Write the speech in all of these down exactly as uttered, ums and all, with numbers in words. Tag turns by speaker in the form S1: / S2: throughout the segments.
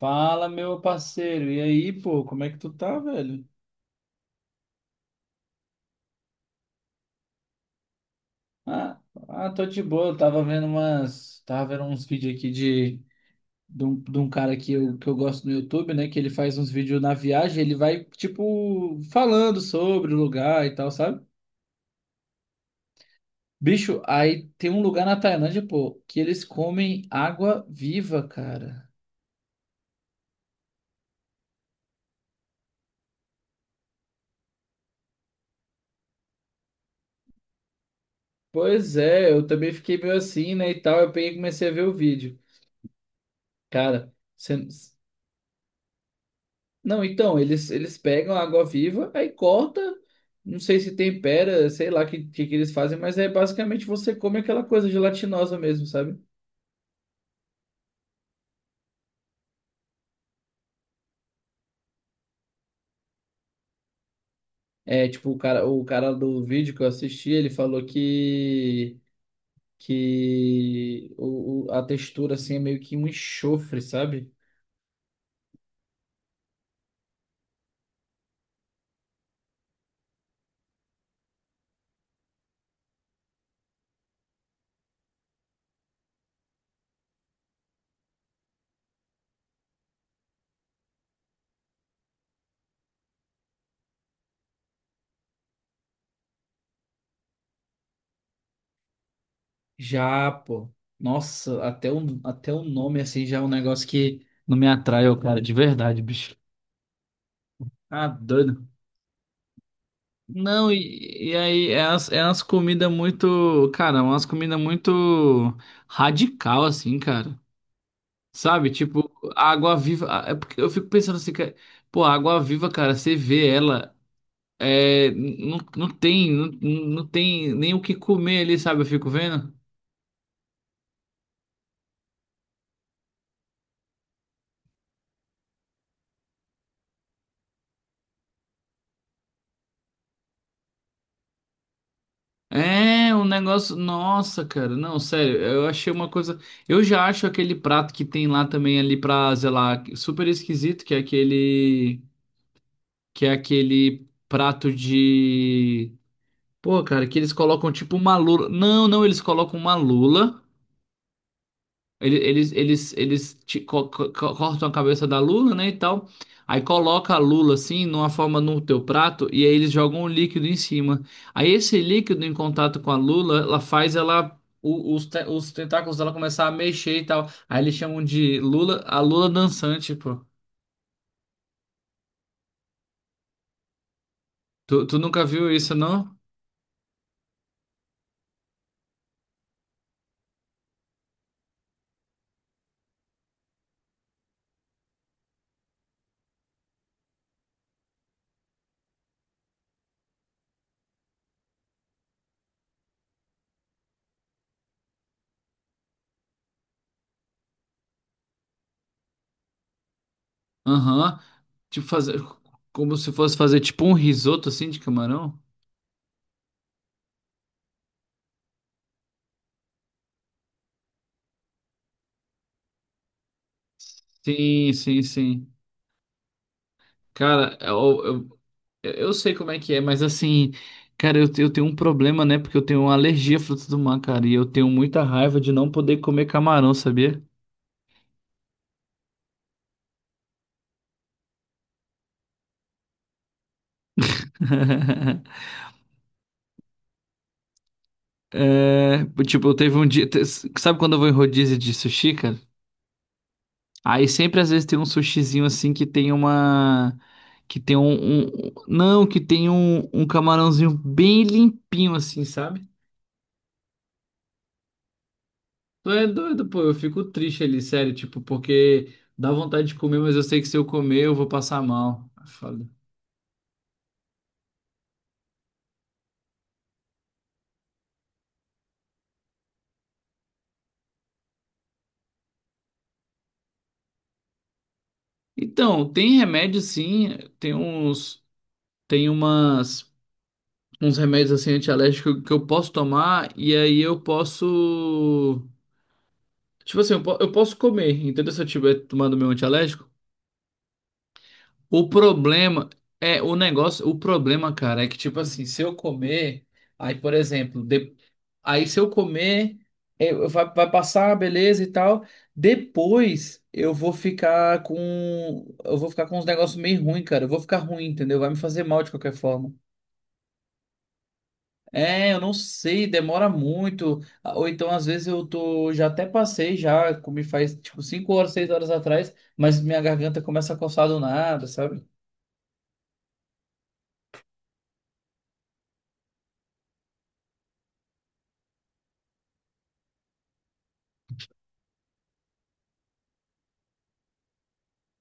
S1: Fala, meu parceiro. E aí, pô, como é que tu tá, velho? Ah, ah, tô de boa. Eu tava vendo umas, tava vendo uns vídeos aqui de, de um, de um cara que eu, que eu gosto no YouTube, né? Que ele faz uns vídeos na viagem, ele vai, tipo, falando sobre o lugar e tal, sabe? Bicho, aí tem um lugar na Tailândia, pô, que eles comem água viva, cara. Pois é, eu também fiquei meio assim, né, e tal. Eu peguei e comecei a ver o vídeo. Cara, você. Não, então, eles, eles pegam a água-viva, aí corta, não sei se tempera, sei lá o que, que, que eles fazem, mas é basicamente você come aquela coisa gelatinosa mesmo, sabe? É, tipo, o cara, o cara do vídeo que eu assisti, ele falou que, que o, o- a textura, assim, é meio que um enxofre, sabe? Já, pô, nossa, até o, até o nome, assim, já é um negócio que não me atrai, ô cara, de verdade, bicho. Ah, doido. Não, e, e aí é umas, é umas comidas muito, cara, umas comidas muito radical, assim, cara. Sabe? Tipo, a água viva. a- É porque eu fico pensando assim, cara, pô, a água viva, cara, você vê ela, é, não, não tem, não, não tem nem o que comer ali, sabe? Eu fico vendo. É, um negócio. Nossa, cara, não, sério, eu achei uma coisa. Eu já acho aquele prato que tem lá também ali pra, sei lá, super esquisito, que é aquele. Que é aquele prato de. Pô, cara, que eles colocam tipo uma lula. Não, não, eles colocam uma lula. Ele- Eles, eles, eles, ti- co- co- co- Cortam a cabeça da lula, né, e tal. Aí coloca a lula assim, numa forma no teu prato, e aí eles jogam um líquido em cima. Aí esse líquido em contato com a lula, ela faz ela. O- Os, te- os tentáculos dela começar a mexer e tal. Aí eles chamam de lula, a lula dançante, pô. Tu, tu nunca viu isso, não? Aham. Tipo fazer como se fosse fazer tipo um risoto assim de camarão? Sim, sim, sim. Cara, eu, eu, eu sei como é que é, mas assim, cara, eu, te- eu tenho um problema, né? Porque eu tenho uma alergia a frutos do mar, cara, e eu tenho muita raiva de não poder comer camarão, sabia? É, tipo, eu teve um dia. Te- Sabe quando eu vou em rodízio de sushi, cara? Aí sempre às vezes tem um sushizinho assim que tem uma. Que tem um. Um- Não, que tem um, um camarãozinho bem limpinho assim, sabe? Tu é doido, pô. Eu fico triste ali, sério, tipo, porque dá vontade de comer, mas eu sei que se eu comer eu vou passar mal. É foda. Então, tem remédio sim, tem uns. Tem umas. Uns remédios assim antialérgicos que eu posso tomar e aí eu posso. Tipo assim, eu, po- eu posso comer, entendeu? Se eu tiver tomando meu antialérgico. O problema é o negócio, o problema, cara, é que tipo assim, se eu comer, aí por exemplo, de- aí se eu comer, eu- vai, vai passar, beleza e tal. Depois eu vou ficar com, eu vou ficar com uns negócios meio ruim, cara. Eu vou ficar ruim, entendeu? Vai me fazer mal de qualquer forma. É, eu não sei, demora muito. Ah, ou então, às vezes, eu tô. Já até passei, já comi faz tipo cinco horas, seis horas atrás, mas minha garganta começa a coçar do nada, sabe?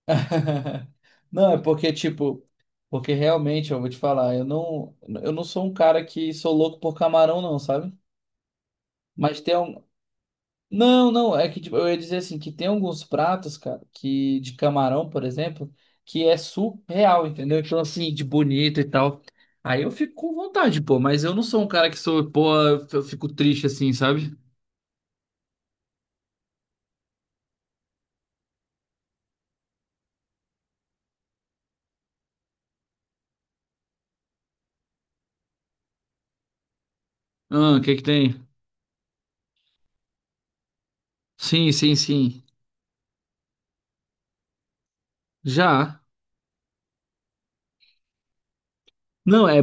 S1: Não, é porque, tipo, porque realmente, eu vou te falar, eu não, eu não sou um cara que sou louco por camarão, não, sabe? Mas tem um. Não, não, é que tipo, eu ia dizer assim, que tem alguns pratos, cara, que de camarão, por exemplo, que é surreal, entendeu? Então, assim, de bonito e tal. Aí eu fico com vontade, pô, mas eu não sou um cara que sou, pô, eu fico triste assim, sabe? Ah, o que é que tem? Sim, sim, sim. Já. Não, é,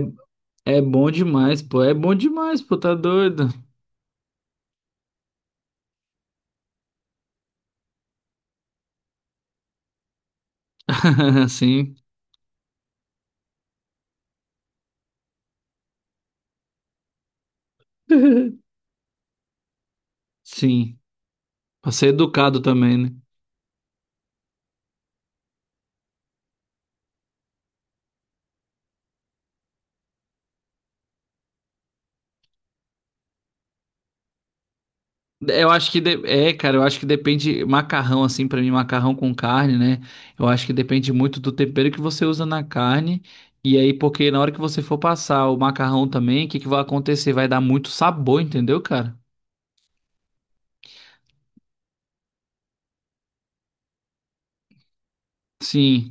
S1: é bom demais, pô. É bom demais, pô, tá doido. Sim. Sim. Pra ser educado também, né? Eu acho que de- é, cara, eu acho que depende macarrão assim, pra mim macarrão com carne, né? Eu acho que depende muito do tempero que você usa na carne. E aí, porque na hora que você for passar o macarrão também, o que que vai acontecer? Vai dar muito sabor, entendeu, cara? Sim.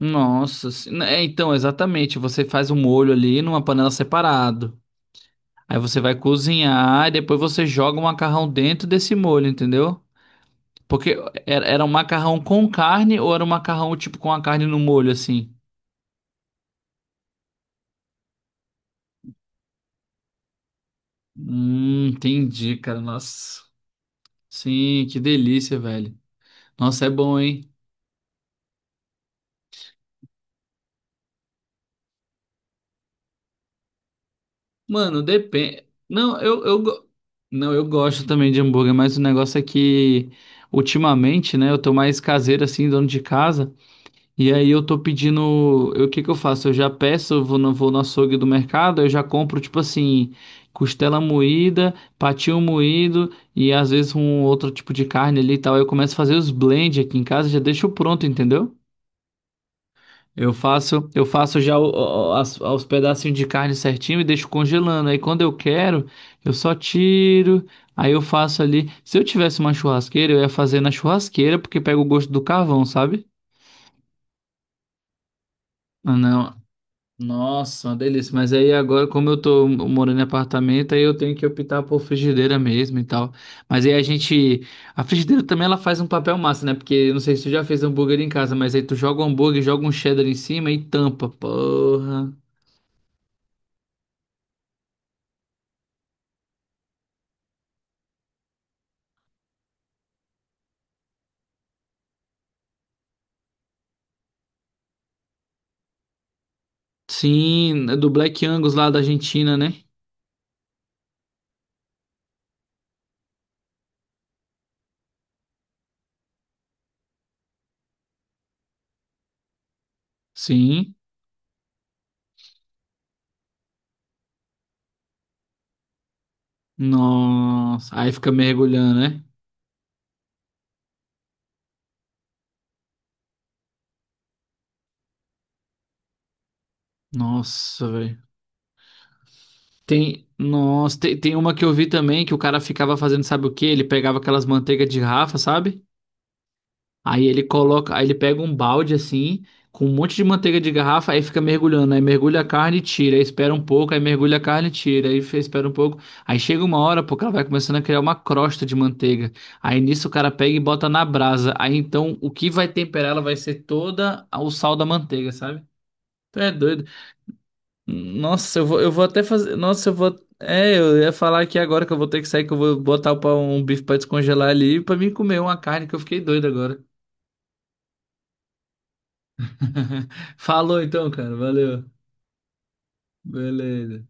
S1: Nossa, se- né, é, então, exatamente, você faz o molho ali numa panela separado. Aí você vai cozinhar e depois você joga o macarrão dentro desse molho, entendeu? Porque era, era um macarrão com carne ou era um macarrão tipo com a carne no molho, assim? Hum, entendi, cara. Nossa. Sim, que delícia, velho. Nossa, é bom, hein? Mano, depende. Não, eu, eu, go- não, eu gosto também de hambúrguer, mas o negócio é que ultimamente, né, eu tô mais caseiro assim, dono de casa. E aí eu tô pedindo, eu- o que que eu faço? Eu já peço, eu vou no, vou no açougue do mercado, eu já compro tipo assim, costela moída, patinho moído e às vezes um outro tipo de carne ali e tal. Aí eu começo a fazer os blend aqui em casa, já deixo pronto, entendeu? Eu faço, eu faço já o- o- as- os pedacinhos de carne certinho e deixo congelando. Aí quando eu quero, eu só tiro, aí eu faço ali. Se eu tivesse uma churrasqueira, eu ia fazer na churrasqueira porque pega o gosto do carvão, sabe? Ah, não. Nossa, uma delícia. Mas aí agora, como eu tô morando em apartamento, aí eu tenho que optar por frigideira mesmo e tal. Mas aí a gente. A frigideira também ela faz um papel massa, né? Porque eu não sei se tu já fez hambúrguer em casa, mas aí tu joga um hambúrguer, joga um cheddar em cima e tampa. Porra. Sim, é do Black Angus lá da Argentina, né? Sim. Nossa. Aí fica mergulhando, né? Nossa, velho. Tem, nossa, tem, tem uma que eu vi também que o cara ficava fazendo, sabe o quê? Ele pegava aquelas manteigas de Rafa, sabe? Aí ele coloca, aí ele pega um balde assim, com um monte de manteiga de garrafa, aí fica mergulhando, aí mergulha a carne e tira, aí espera um pouco, aí mergulha a carne e tira, aí fe- espera um pouco, aí chega uma hora, pô, que ela vai começando a criar uma crosta de manteiga. Aí nisso o cara pega e bota na brasa. Aí então o que vai temperar ela vai ser toda a- o sal da manteiga, sabe? Tu é doido. Nossa, eu vou, eu vou até fazer, nossa, eu vou. É, eu ia falar aqui agora que eu vou ter que sair, que eu vou botar pra um bife pra descongelar ali pra mim comer uma carne que eu fiquei doido agora. Falou então, cara. Valeu. Beleza.